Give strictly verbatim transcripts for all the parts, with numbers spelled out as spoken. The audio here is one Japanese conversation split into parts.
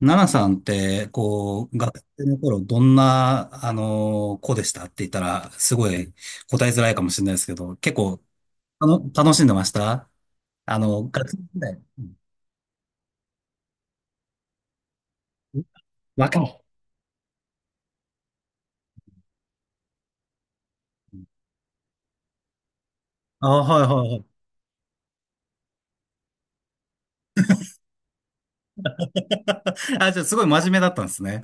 ナナさんって、こう、学生の頃、どんな、あの、子でしたって言ったら、すごい答えづらいかもしれないですけど、結構、あの、楽しんでましたあの、学生時代。うん。若い。あ、はいはいはい。あ、じゃあ、すごい真面目だったんですね。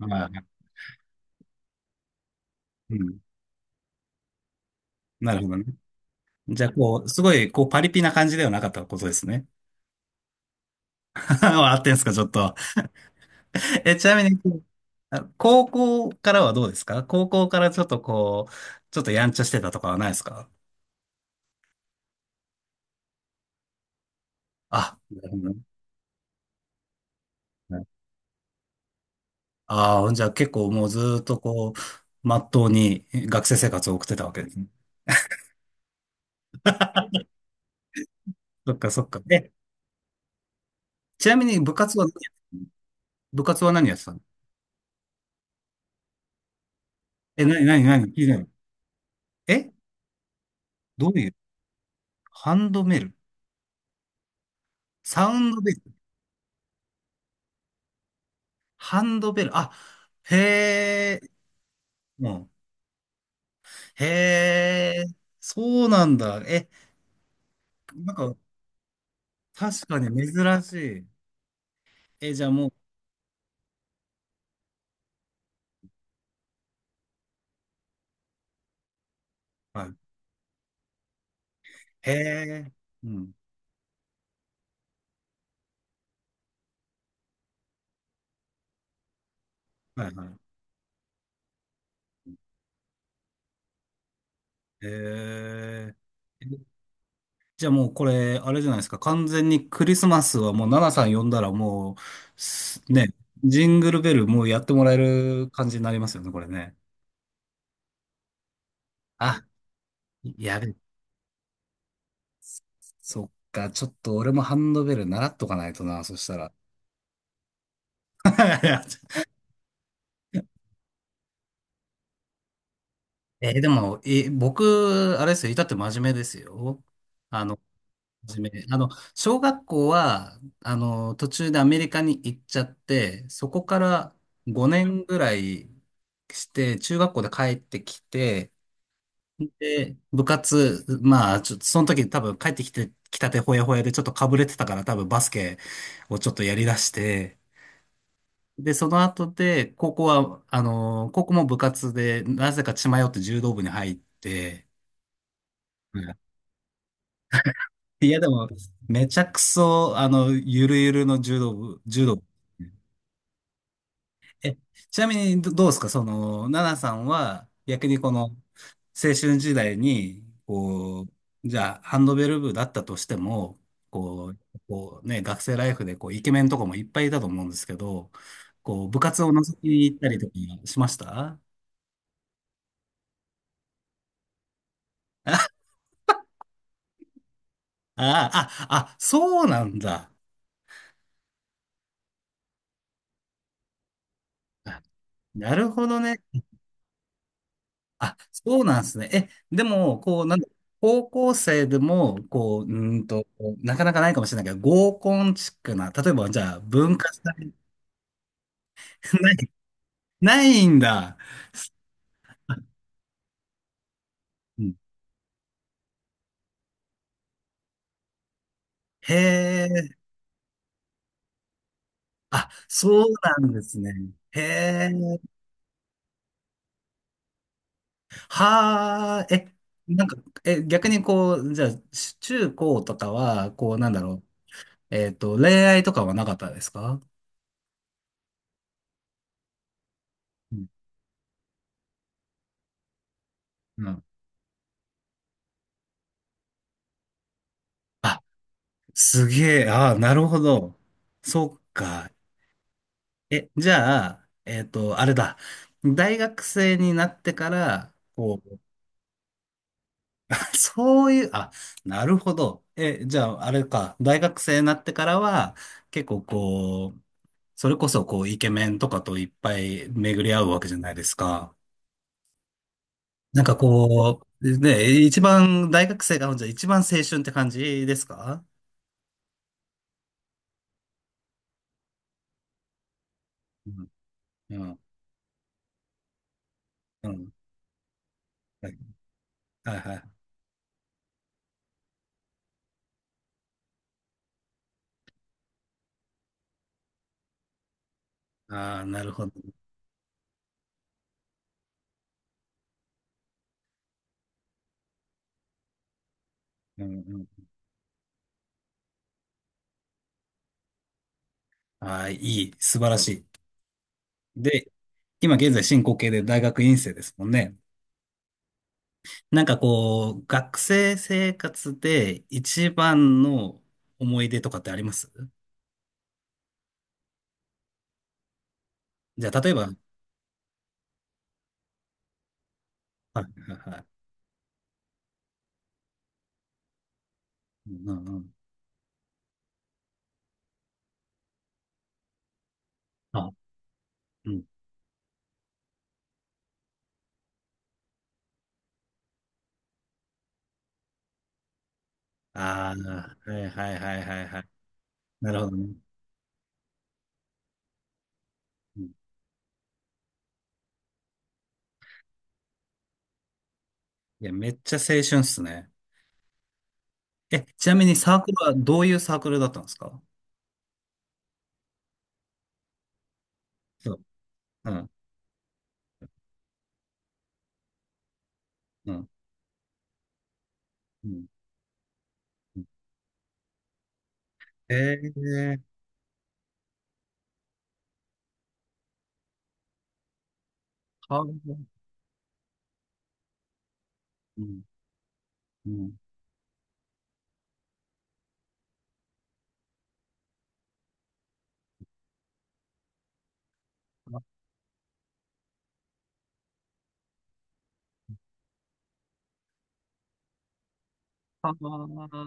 はい。うん。なるほどね。じゃあ、こう、すごい、こう、パリピな感じではなかったことですね。笑ってんすか、ちょっと。え、ちなみに、あ、高校からはどうですか？高校からちょっとこう、ちょっとやんちゃしてたとかはないですか？あ、なるほどね。ああ、じゃあ結構もうずーっとこう、まっとうに学生生活を送ってたわけですね。そっかそっか。え、ちなみに部活は、部活は何やってたの？え、何、何、何、聞いてない。え、どういう？ハンドベル？サウンドベル？ハンドベル、あ、へえ、もうん、へえ、そうなんだ。え、なんか、確かに珍しい。え、じゃあもう、はい。へえ。うん。はいはい。へえ。じゃあもうこれ、あれじゃないですか。完全にクリスマスはもう、ナナさん呼んだらもう、すね、ジングルベルもうやってもらえる感じになりますよね、これね。あ、やべ、そっか。ちょっと俺もハンドベル習っとかないとな、そしたら。いや、えーでも、えー僕、あれですよ、至って真面目ですよ。あの初め、あの、小学校は、あの、途中でアメリカに行っちゃって、そこからごねんぐらいして、中学校で帰ってきて、で、部活、まあ、ちょっと、その時多分帰ってきて、きたてほやほやでちょっとかぶれてたから多分バスケをちょっとやりだして、で、その後で、高校は、あの、高校も部活で、なぜか血迷って柔道部に入って、いや、でも、めちゃくそ、あの、ゆるゆるの柔道部、柔道部。え、ちなみにど、どうですかその、ナナさんは、逆にこの、青春時代に、こう、じゃあ、ハンドベル部だったとしても、こう、こうね、学生ライフで、こう、イケメンとかもいっぱいいたと思うんですけど、こう、部活を覗きに行ったりとかしました？あ。 あ、あ、あ、そうなんだ。あ、なるほどね。あ、そうなんですね。え、でも、こう、なんだ、高校生でも、こう、うーんと、なかなかないかもしれないけど、合コンチックな、例えば、じゃあ、文化祭、ない、ないんだ。あ、うん、へえ、あ、そうなんですね。へえ、はあ、え、なんか、え、逆にこう、じゃあ、し中高とかは、こう、なんだろう、えっと、恋愛とかはなかったですか？うん。うん。あ、すげえ、ああ、なるほど。そっか。え、じゃあ、えっと、あれだ。大学生になってから、こう、そういう、あ、なるほど。え、じゃあ、あれか。大学生になってからは、結構こう、それこそこう、イケメンとかといっぱい巡り合うわけじゃないですか。なんかこう、ね、一番、大学生が、じゃあ一番青春って感じですか？うん、うん、うん。はい、はい。はい。ああ、なるほど。うん、うん。ああ、いい。素晴らしい。で、今現在進行形で大学院生ですもんね。なんかこう、学生生活で一番の思い出とかってあります？じゃあ、例えば、はい。はいはい。うんうんうん。あ、うん。ああ、はいはいはいはいはい。なるほどね。うん。いや、めっちゃ青春っすね。え、ちなみにサークルはどういうサークルだったんですか？そう。うん、うん、うん。うん。えー、は、うん、うん。あ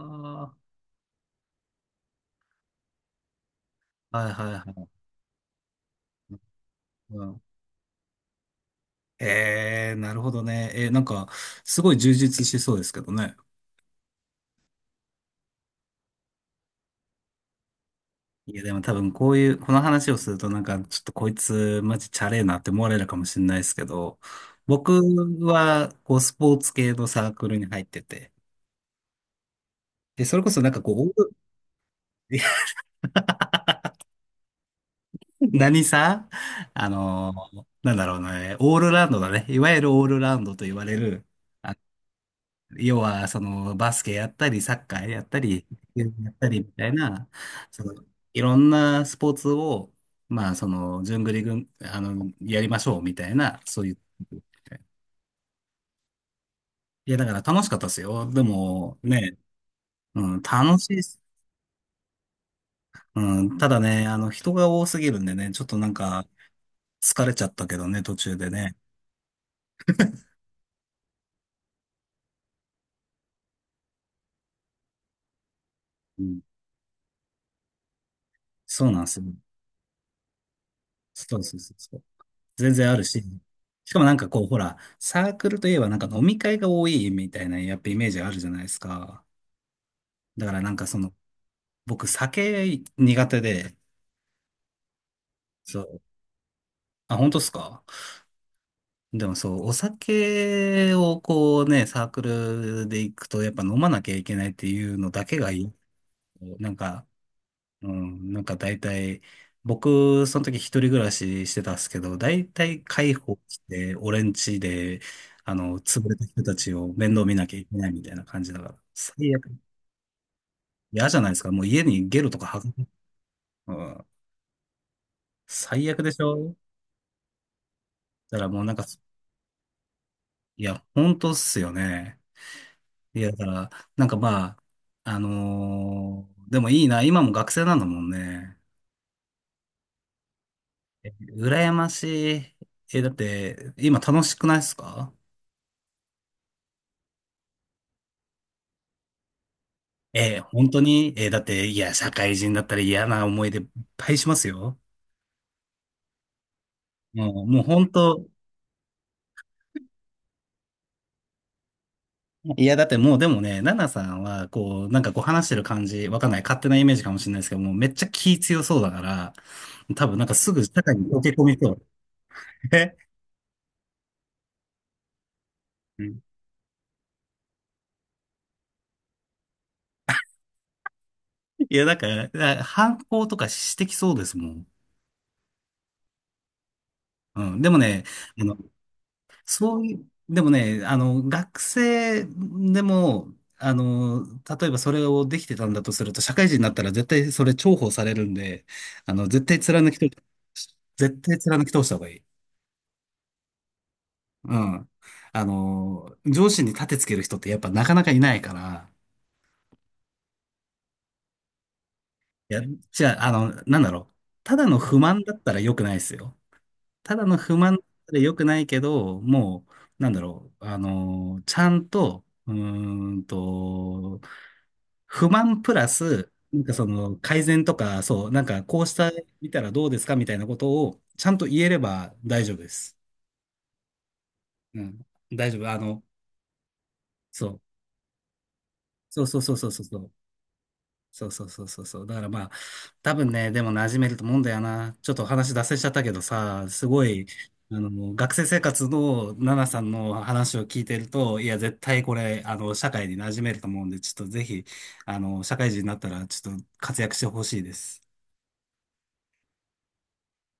あ、はいはいはい。うん。えー、なるほどね。えー、なんか、すごい充実しそうですけどね。いや、でも多分こういう、この話をするとなんか、ちょっとこいつマジチャレーなって思われるかもしれないですけど、僕は、こう、スポーツ系のサークルに入ってて、で、それこそなんかこう、オール。 何さ、あのーなんだろうね、オールラウンドだね。いわゆるオールラウンドと言われる、要は、その、バスケやったり、サッカーやったり、野球やったりみたいな、その、いろんなスポーツを、まあ、その、順繰りぐんあの、やりましょうみたいな、そういう。いや、だから楽しかったですよ。でも、ね、うん、楽しいっす。うん、ただね、あの、人が多すぎるんでね、ちょっとなんか、疲れちゃったけどね、途中でね。うん、そうなんですよ。そうそうそう。全然あるし、しかもなんかこう、ほら、サークルといえばなんか飲み会が多いみたいな、やっぱイメージあるじゃないですか。だからなんかその、僕酒苦手で、そう。あ、本当っすか？でもそう、お酒をこうね、サークルで行くとやっぱ飲まなきゃいけないっていうのだけがいい。なんか、うん、なんか大体、僕、その時一人暮らししてたんですけど、大体介抱して、俺ん家で、あの、潰れた人たちを面倒見なきゃいけないみたいな感じだから、最悪。嫌じゃないですか。もう家にゲロとか吐く。うん、最悪でしょ？だからもうなんか、いや、本当っすよね。いや、だから、なんかまあ、あのーでもいいな。今も学生なんだもんね。羨ましい。え、だって、今楽しくないっすか？ええ、本当に、ええ、だって、いや、社会人だったら嫌な思い出いっぱいしますよ。もう、もう本当、いや、だってもうでもね、ナナさんは、こう、なんかこう話してる感じ、わかんない、勝手なイメージかもしれないですけど、もうめっちゃ気強そうだから、多分なんかすぐ社会に溶け込みそう。え。うん。いや、だから、だから反抗とかしてきそうですもん。うん。でもね、あのそういう、でもね、あの、学生でも、あの、例えばそれをできてたんだとすると、社会人になったら絶対それ重宝されるんで、あの、絶対貫き通、絶対貫き通した方がいい。うん。あの、上司に立てつける人ってやっぱなかなかいないから、いや、じゃあ、あの、なんだろう。ただの不満だったら良くないですよ。ただの不満で良くないけど、もう、なんだろう、あの、ちゃんと、うーんと、不満プラス、なんかその改善とか、そう、なんかこうした見たらどうですかみたいなことをちゃんと言えれば大丈夫です。うん。大丈夫。あの、そう。そうそうそうそうそう。そうそうそうそうそう。だからまあ、多分ね、でも馴染めると思うんだよな。ちょっとお話脱線しちゃったけどさ、すごい、あの、学生生活のナナさんの話を聞いてると、いや、絶対これ、あの、社会に馴染めると思うんで、ちょっとぜひ、あの、社会人になったら、ちょっと活躍してほしいです。